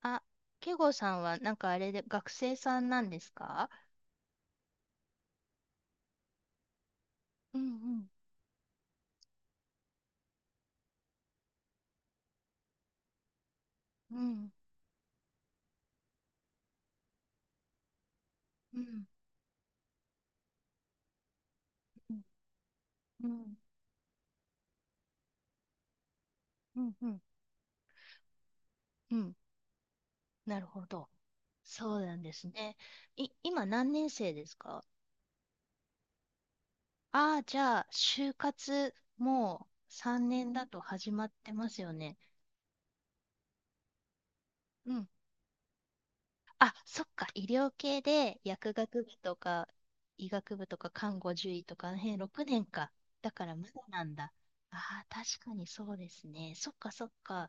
あ、ケイゴさんはあれで学生さんなんですか？うん。うん。うん。うん。うん。うん。うん。うん。うん。なるほど。そうなんですね。今何年生ですか？ああー、じゃあ、就活もう3年だと始まってますよね。うん。あ、そっか、医療系で薬学部とか医学部とか看護獣医とかあの辺6年か。だからまだなんだ。ああ、確かにそうですね。そっかそっか。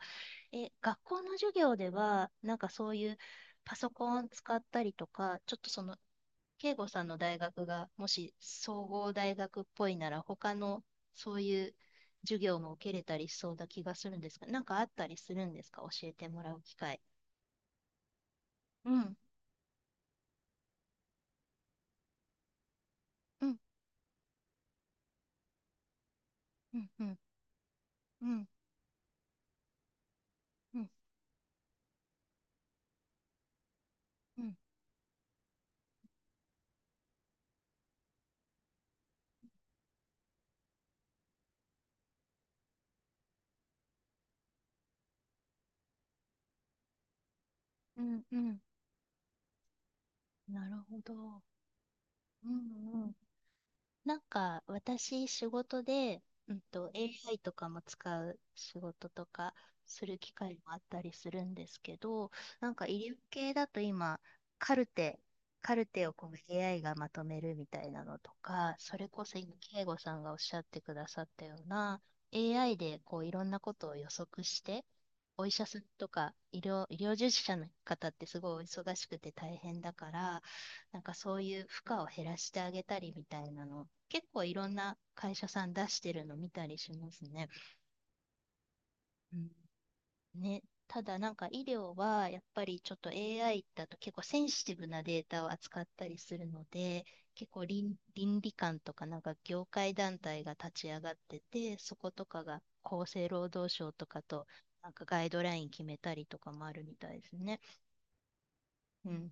え、学校の授業では、なんかそういうパソコン使ったりとか、ちょっとその、慶吾さんの大学がもし総合大学っぽいなら、他のそういう授業も受けれたりしそうな気がするんですが、なんかあったりするんですか教えてもらう機会。うん、うん、うん、うん。うん。うん。うん。うん。うん。なるほど。うん。うん。なんか、私、仕事で、AI とかも使う仕事とかする機会もあったりするんですけど、なんか医療系だと今、カルテ、カルテをこう AI がまとめるみたいなのとか、それこそ今、慶吾さんがおっしゃってくださったような、AI でこういろんなことを予測して、お医者さんとか医療従事者の方ってすごいお忙しくて大変だから、なんかそういう負荷を減らしてあげたりみたいなの結構いろんな会社さん出してるの見たりしますね。うん。ね。ただなんか医療はやっぱりちょっと AI だと結構センシティブなデータを扱ったりするので、結構倫理観とかなんか業界団体が立ち上がってて、そことかが厚生労働省とかとなんかガイドライン決めたりとかもあるみたいですね。うん。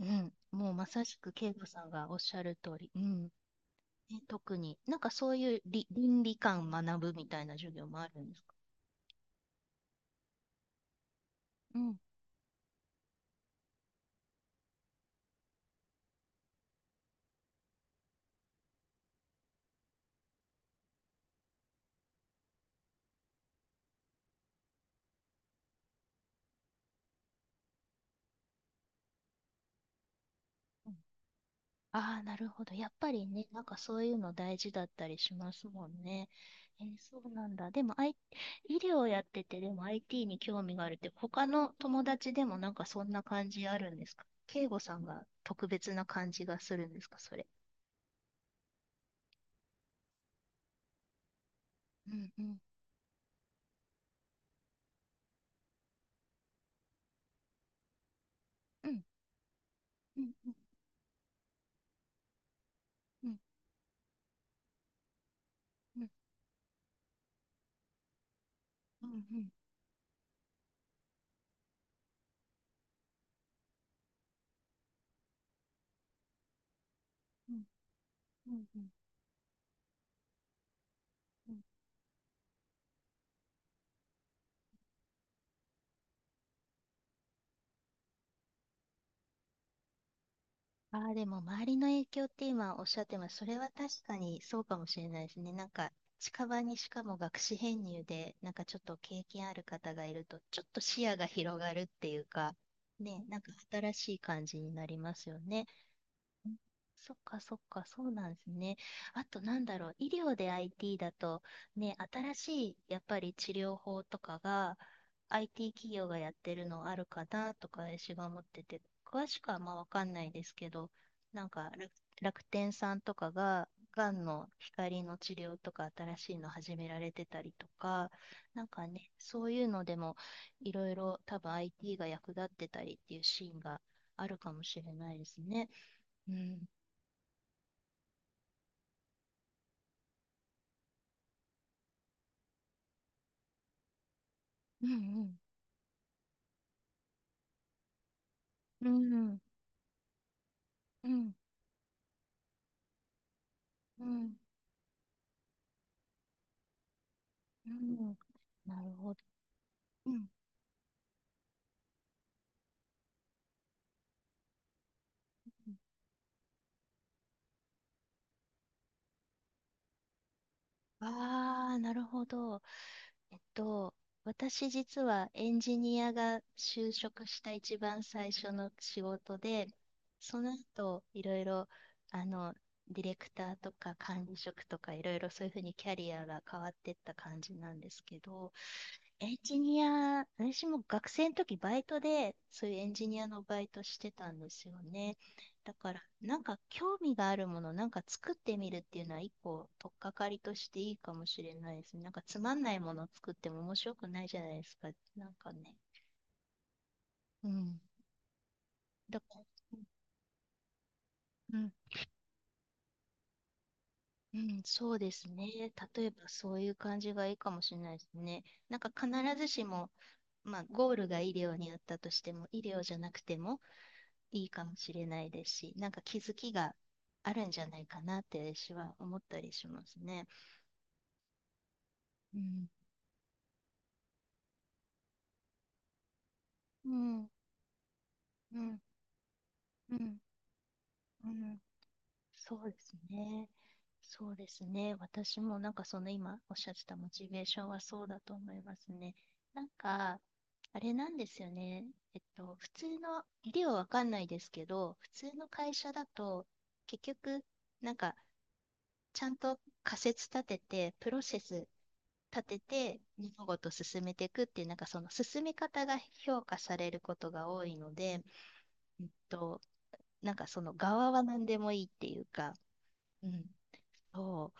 うん。もうまさしく慶吾さんがおっしゃる通り。うん。ね、特に、そういうり倫理観学ぶみたいな授業もあるんですか？うん。うん。ああ、なるほど。やっぱりね、なんかそういうの大事だったりしますもんね。えーそうなんだ。でも、医療やってて、でも IT に興味があるって、他の友達でもなんかそんな感じあるんですか慶吾さんが特別な感じがするんですか、それ。うん。うん。うん。うん。うん。うん。うん。うん。うん。うん。うん。うん。うん。ああ、でも周りの影響って今おっしゃってます。それは確かにそうかもしれないですね。なんか近場にしかも学士編入で、なんかちょっと経験ある方がいると、ちょっと視野が広がるっていうか、ね、なんか新しい感じになりますよね。そっかそっか、そうなんですね。あとなんだろう、医療で IT だと、ね、新しいやっぱり治療法とかが IT 企業がやってるのあるかなとか私が思ってて、詳しくはまあわかんないですけど、なんか楽天さんとかが、がんの光の治療とか新しいの始められてたりとか、なんかね、そういうのでもいろいろ多分 IT が役立ってたりっていうシーンがあるかもしれないですね。うん、うん。うん。うん。うん。うん。なるほど。うん。ああー、なるほど。えっと、私実はエンジニアが就職した一番最初の仕事で、その後、いろいろ、あの、ディレクターとか管理職とかいろいろそういうふうにキャリアが変わってった感じなんですけど、エンジニア、私も学生の時バイトで、そういうエンジニアのバイトしてたんですよね。だから、なんか興味があるもの、なんか作ってみるっていうのは一個、取っかかりとしていいかもしれないですね。なんかつまんないものを作っても面白くないじゃないですか。なんかね。うん。だから、うん、うん、うん、そうですね。例えばそういう感じがいいかもしれないですね。なんか必ずしも、まあ、ゴールが医療にあったとしても、医療じゃなくても、いいかもしれないですし、なんか気づきがあるんじゃないかなって私は思ったりしますね。うん、うん、うん、うん、うん、そうですね。そうですね。私もなんかその今おっしゃってたモチベーションはそうだと思いますね。なんか、あれなんですよね。えっと、普通の、理はわかんないですけど、普通の会社だと、結局、なんか、ちゃんと仮説立てて、プロセス立てて物事を進めていくっていうなんかその進め方が評価されることが多いので、うんと、なんかその側は何でもいいっていうか、うん。そ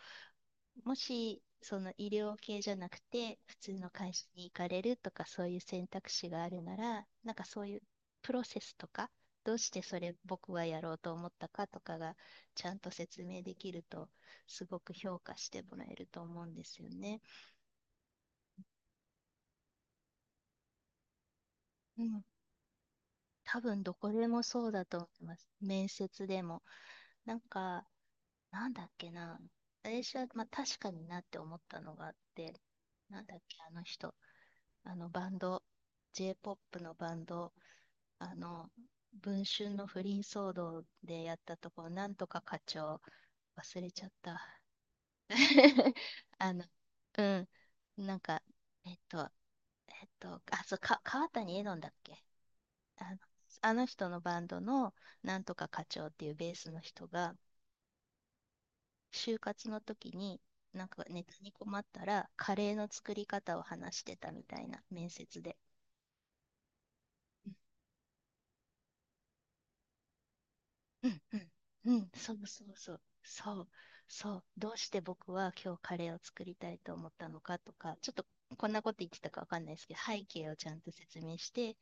う、もしその医療系じゃなくて普通の会社に行かれるとかそういう選択肢があるならなんかそういうプロセスとかどうしてそれ僕はやろうと思ったかとかがちゃんと説明できるとすごく評価してもらえると思うんですよね。うん、多分どこでもそうだと思います。面接でも。なんか、なんだっけな。私は、まあ、確かになって思ったのがあって、なんだっけ、あの人。あのバンド、J-POP のバンド、あの、文春の不倫騒動でやったところ、なんとか課長、忘れちゃった。あの、うん、なんか、えっと、あ、川谷絵音だっけ。あの、あの人のバンドのなんとか課長っていうベースの人が、就活の時に、なんかネタに困ったら、カレーの作り方を話してたみたいな面接で。うん。うん。うん。そうそうそうそう。そう、どうして僕は今日カレーを作りたいと思ったのかとかちょっとこんなこと言ってたかわかんないですけど背景をちゃんと説明して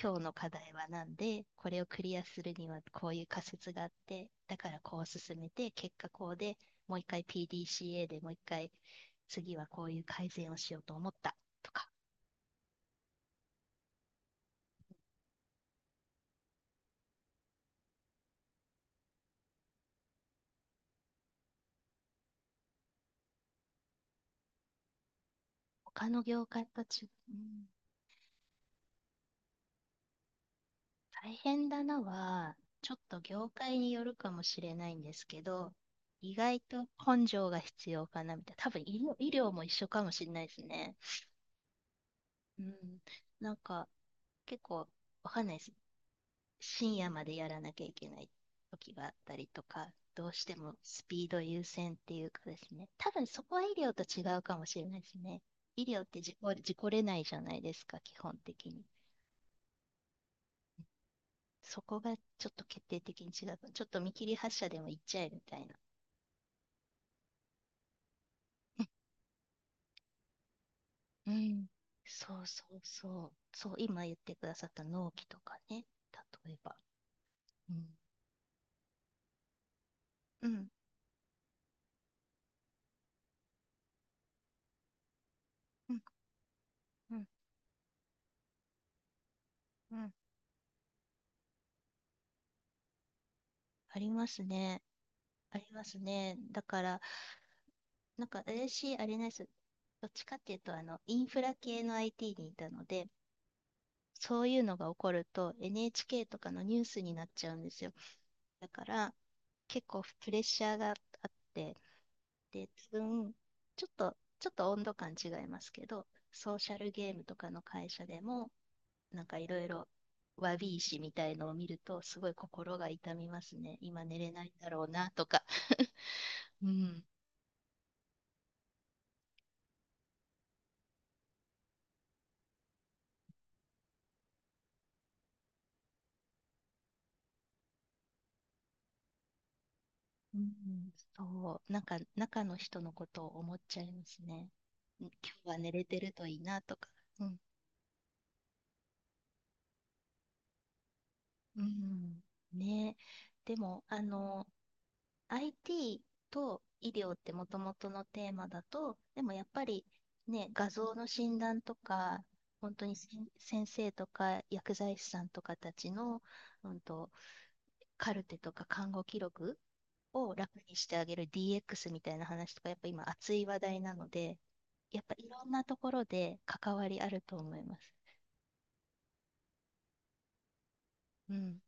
今日の課題は何でこれをクリアするにはこういう仮説があってだからこう進めて結果こうでもう一回 PDCA でもう一回次はこういう改善をしようと思ったとか。他の業界と違う。うん。大変だなは、ちょっと業界によるかもしれないんですけど、意外と根性が必要かなみたいな。多分医療も一緒かもしれないですね。うん。なんか、結構、わかんないです。深夜までやらなきゃいけない時があったりとか、どうしてもスピード優先っていうかですね。多分そこは医療と違うかもしれないですね。医療って事故れないじゃないですか、基本的に。そこがちょっと決定的に違う。ちょっと見切り発車でも行っちゃえみたいな。うん。そうそうそう。そう、今言ってくださった納期とかね。例えば。うん。うん。うん。うん。うん。ありますね。ありますね。だから、なんか私、あれなんです。どっちかっていうと、あの、インフラ系の IT にいたので、そういうのが起こると NHK とかのニュースになっちゃうんですよ。だから結構プレッシャーがあって、で、多分ちょっと温度感違いますけど、ソーシャルゲームとかの会社でも、なんかいろいろわび石みたいのを見ると、すごい心が痛みますね。今寝れないんだろうなとか。うん。うん、そう、なんか中の人のことを思っちゃいますね。ん、今日は寝れてるといいなとか。うん。うん、ねえ。でも、あの IT と医療ってもともとのテーマだと、でもやっぱりね、画像の診断とか、本当にせん先生とか薬剤師さんとかたちの、うんと、カルテとか看護記録を楽にしてあげる DX みたいな話とか、やっぱ今熱い話題なので、やっぱいろんなところで関わりあると思います。うん。